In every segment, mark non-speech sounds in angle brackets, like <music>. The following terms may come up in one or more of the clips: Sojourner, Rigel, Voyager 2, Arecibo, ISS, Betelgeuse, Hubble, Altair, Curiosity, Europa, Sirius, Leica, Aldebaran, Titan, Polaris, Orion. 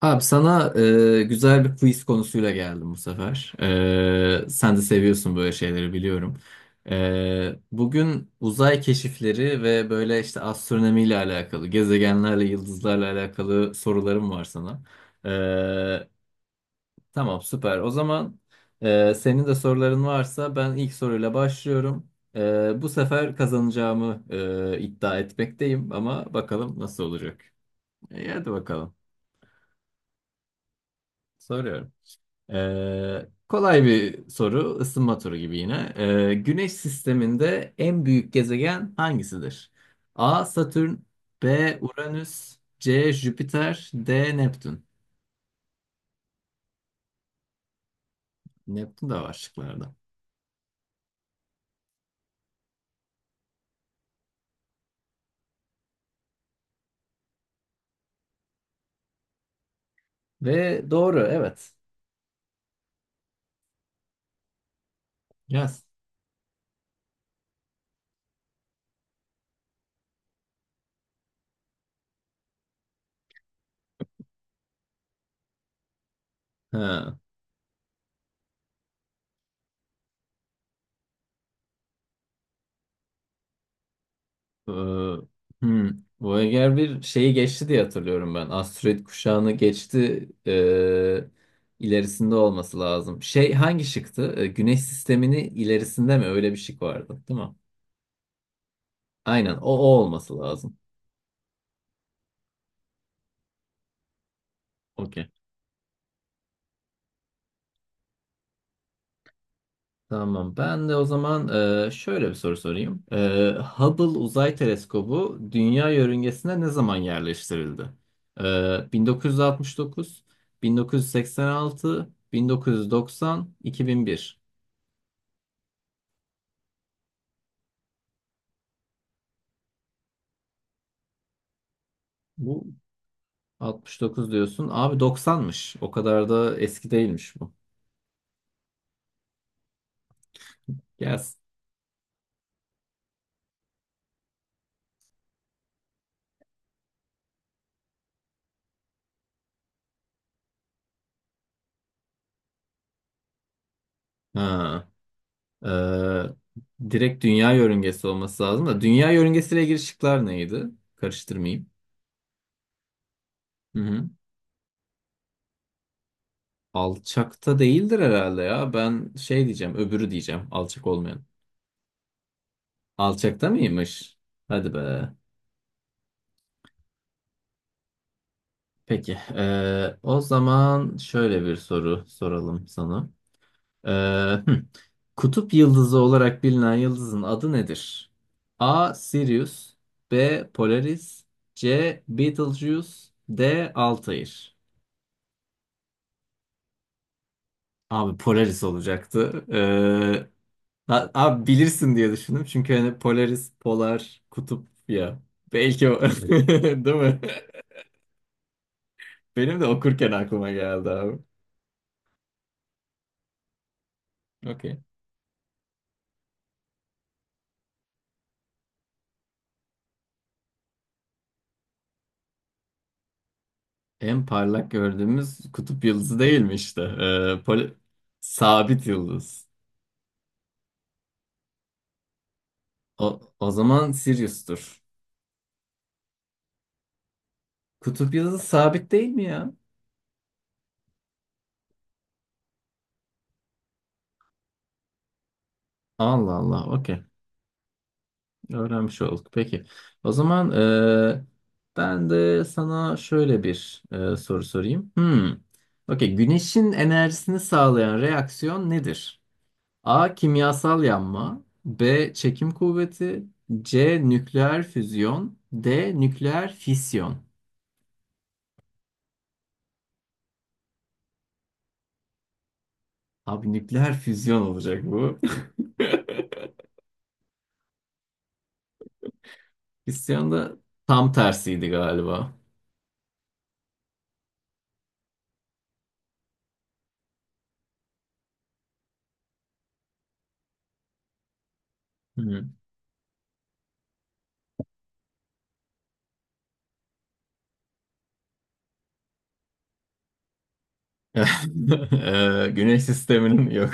Abi sana güzel bir quiz konusuyla geldim bu sefer. Sen de seviyorsun böyle şeyleri biliyorum. Bugün uzay keşifleri ve böyle işte astronomiyle alakalı, gezegenlerle, yıldızlarla alakalı sorularım var sana. E, tamam, süper. O zaman senin de soruların varsa ben ilk soruyla başlıyorum. Bu sefer kazanacağımı iddia etmekteyim ama bakalım nasıl olacak. Hadi bakalım. Soruyorum. Kolay bir soru, ısınma turu gibi yine. Güneş sisteminde en büyük gezegen hangisidir? A. Satürn, B. Uranüs, C. Jüpiter, D. Neptün. Neptün de var şıklarda. Ve doğru, evet. Yaz. Ee, hmm. Voyager bir şeyi geçti diye hatırlıyorum ben. Asteroid kuşağını geçti. İlerisinde olması lazım. Şey, hangi şıktı? Güneş sistemini ilerisinde mi? Öyle bir şık vardı, değil mi? Aynen, o olması lazım. Okey. Tamam. Ben de o zaman şöyle bir soru sorayım. Hubble Uzay Teleskobu Dünya yörüngesine ne zaman yerleştirildi? 1969, 1986, 1990, 2001. Bu, 69 diyorsun. Abi, 90'mış. O kadar da eski değilmiş bu. Gelsin. Ha. Ee, Direkt dünya yörüngesi olması lazım da. Dünya yörüngesiyle ilgili şıklar neydi? Karıştırmayayım. Hı hı. Alçakta değildir herhalde ya. Ben şey diyeceğim. Öbürü diyeceğim. Alçak olmayan. Alçakta mıymış? Hadi be. Peki. O zaman şöyle bir soru soralım sana. Ee, hmm. Kutup yıldızı olarak bilinen yıldızın adı nedir? A. Sirius, B. Polaris, C. Betelgeuse, D. Altair. Abi, Polaris olacaktı. Abi, bilirsin diye düşündüm. Çünkü hani Polaris, polar, kutup ya. Belki o. <laughs> Değil mi? Benim de okurken aklıma geldi abi. Okey. En parlak gördüğümüz kutup yıldızı değil mi işte? Sabit yıldız. O zaman Sirius'tur. Kutup yıldızı sabit değil mi ya? Allah Allah. Okey. Öğrenmiş olduk. Peki. O zaman ben de sana şöyle bir soru sorayım. Hmm. Okey. Güneşin enerjisini sağlayan reaksiyon nedir? A. Kimyasal yanma. B. Çekim kuvveti. C. Nükleer füzyon. D. Nükleer fisyon. Abi, nükleer füzyon olacak bu. <laughs> Fisyon da tam tersiydi galiba. Hı. <laughs> Güneş sisteminin yok.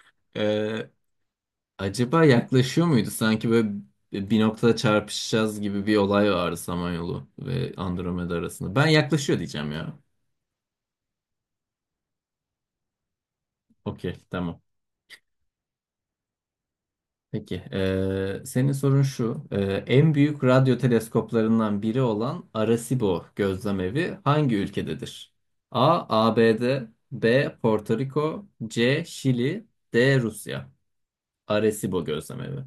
<laughs> Eee, Acaba yaklaşıyor muydu? Sanki böyle bir noktada çarpışacağız gibi bir olay vardı Samanyolu ve Andromeda arasında. Ben yaklaşıyor diyeceğim ya. Okey, tamam. Peki, senin sorun şu. En büyük radyo teleskoplarından biri olan Arecibo gözlemevi hangi ülkededir? A. ABD, B. Porto Rico, C. Şili, D. Rusya. Arecibo gözlemevi.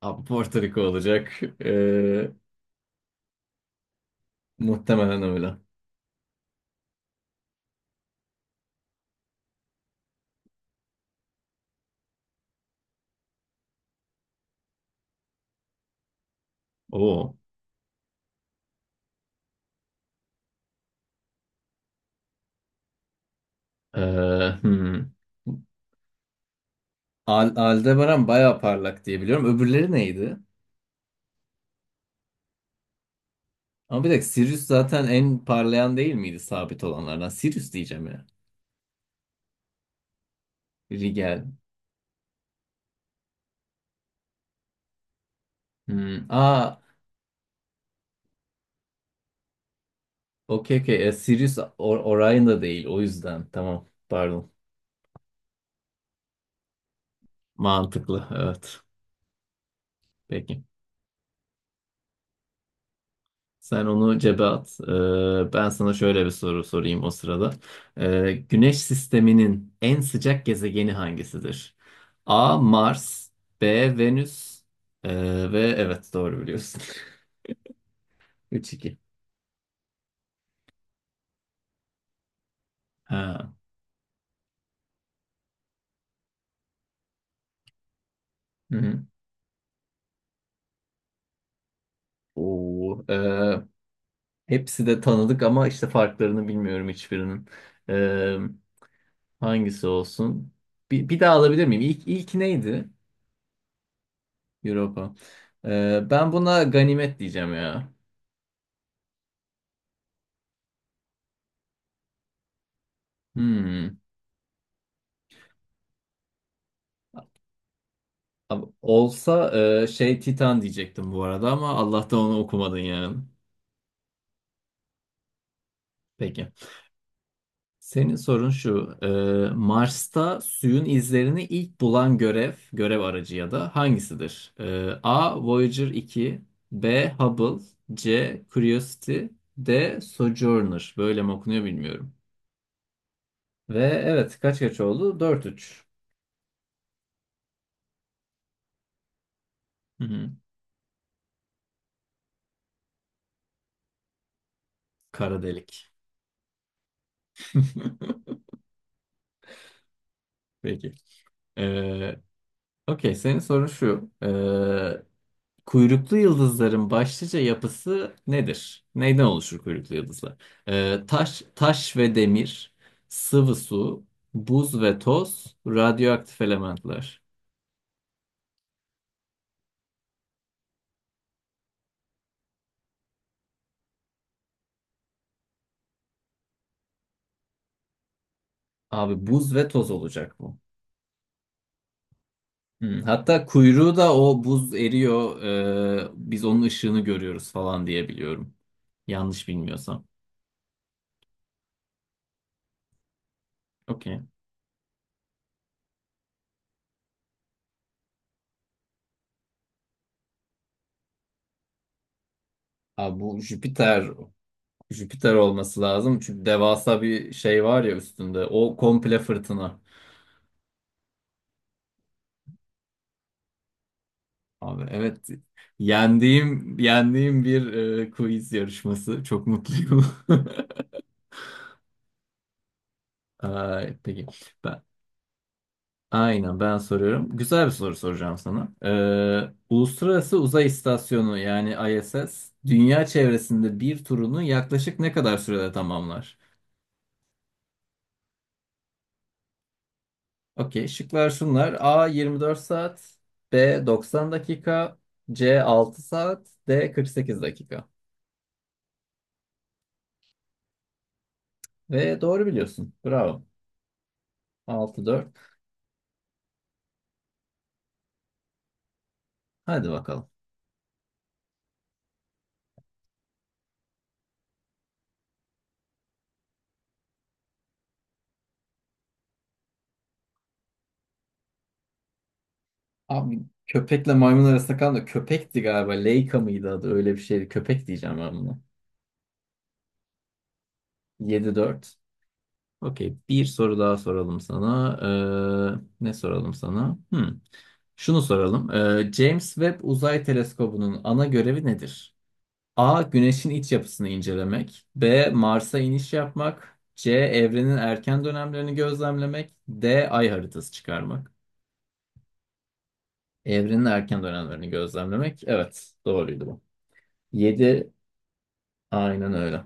Abi, Porto Rico olacak. Ee, Muhtemelen öyle. Oo. Ee, hmm. Aldebaran bayağı parlak diye biliyorum. Öbürleri neydi? Ama bir dakika, Sirius zaten en parlayan değil miydi sabit olanlardan? Sirius diyeceğim ya. Rigel. Hmm. Aa, okey, okey. Sirius Orion da değil. O yüzden. Tamam. Pardon. Mantıklı, evet. Peki. Sen onu cebe at. Ben sana şöyle bir soru sorayım o sırada. Güneş sisteminin en sıcak gezegeni hangisidir? A. Mars, B. Venüs. Ve evet, doğru biliyorsun. <laughs> 3-2. Ha. Hı hı. Oo, hepsi de tanıdık ama işte farklarını bilmiyorum hiçbirinin. Ee, Hangisi olsun? Bir daha alabilir miyim? İlk neydi? Europa. Ben buna ganimet diyeceğim ya. Hmm. Olsa şey, Titan diyecektim bu arada ama Allah'tan onu okumadın yani. Peki. Senin sorun şu. Mars'ta suyun izlerini ilk bulan görev aracı ya da hangisidir? E, A. Voyager 2, B. Hubble, C. Curiosity, D. Sojourner. Böyle mi okunuyor, bilmiyorum. Ve evet, kaç kaç oldu? 4-3. Hı hı. Kara delik. <laughs> Peki. Ee, okey, senin sorun şu. Kuyruklu yıldızların başlıca yapısı nedir? Neyden oluşur kuyruklu yıldızlar? Taş ve demir, sıvı su, buz ve toz, radyoaktif elementler. Abi, buz ve toz olacak bu. Hmm, hatta kuyruğu da o buz eriyor, biz onun ışığını görüyoruz falan diye biliyorum. Yanlış bilmiyorsam. Okey. Abi, bu Jüpiter. Jüpiter olması lazım. Çünkü devasa bir şey var ya üstünde. O komple fırtına. Abi, evet. Yendiğim bir quiz yarışması. Çok mutluyum. <laughs> Ay, peki. Ben, aynen, ben soruyorum. Güzel bir soru soracağım sana. Uluslararası Uzay İstasyonu, yani ISS, dünya çevresinde bir turunu yaklaşık ne kadar sürede tamamlar? Okey. Şıklar şunlar. A 24 saat, B 90 dakika, C 6 saat, D 48 dakika. Ve doğru biliyorsun. Bravo. 6-4. Hadi bakalım. Abi, köpekle maymun arasında kalan da köpekti galiba. Leica mıydı adı? Öyle bir şeydi. Köpek diyeceğim ben buna. 7-4. Okey. Bir soru daha soralım sana. Ne soralım sana? Hmm. Şunu soralım. James Webb Uzay Teleskobu'nun ana görevi nedir? A. Güneşin iç yapısını incelemek. B. Mars'a iniş yapmak. C. Evrenin erken dönemlerini gözlemlemek. D. Ay haritası çıkarmak. Evrenin erken dönemlerini gözlemlemek. Evet, doğruydu bu. 7 Aynen öyle.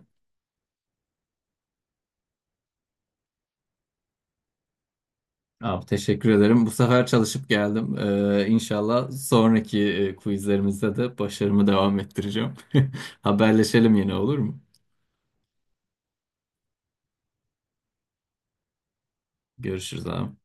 Abi, teşekkür ederim. Bu sefer çalışıp geldim. İnşallah, sonraki quizlerimizde de başarımı devam ettireceğim. <laughs> Haberleşelim yine, olur mu? Görüşürüz, abi.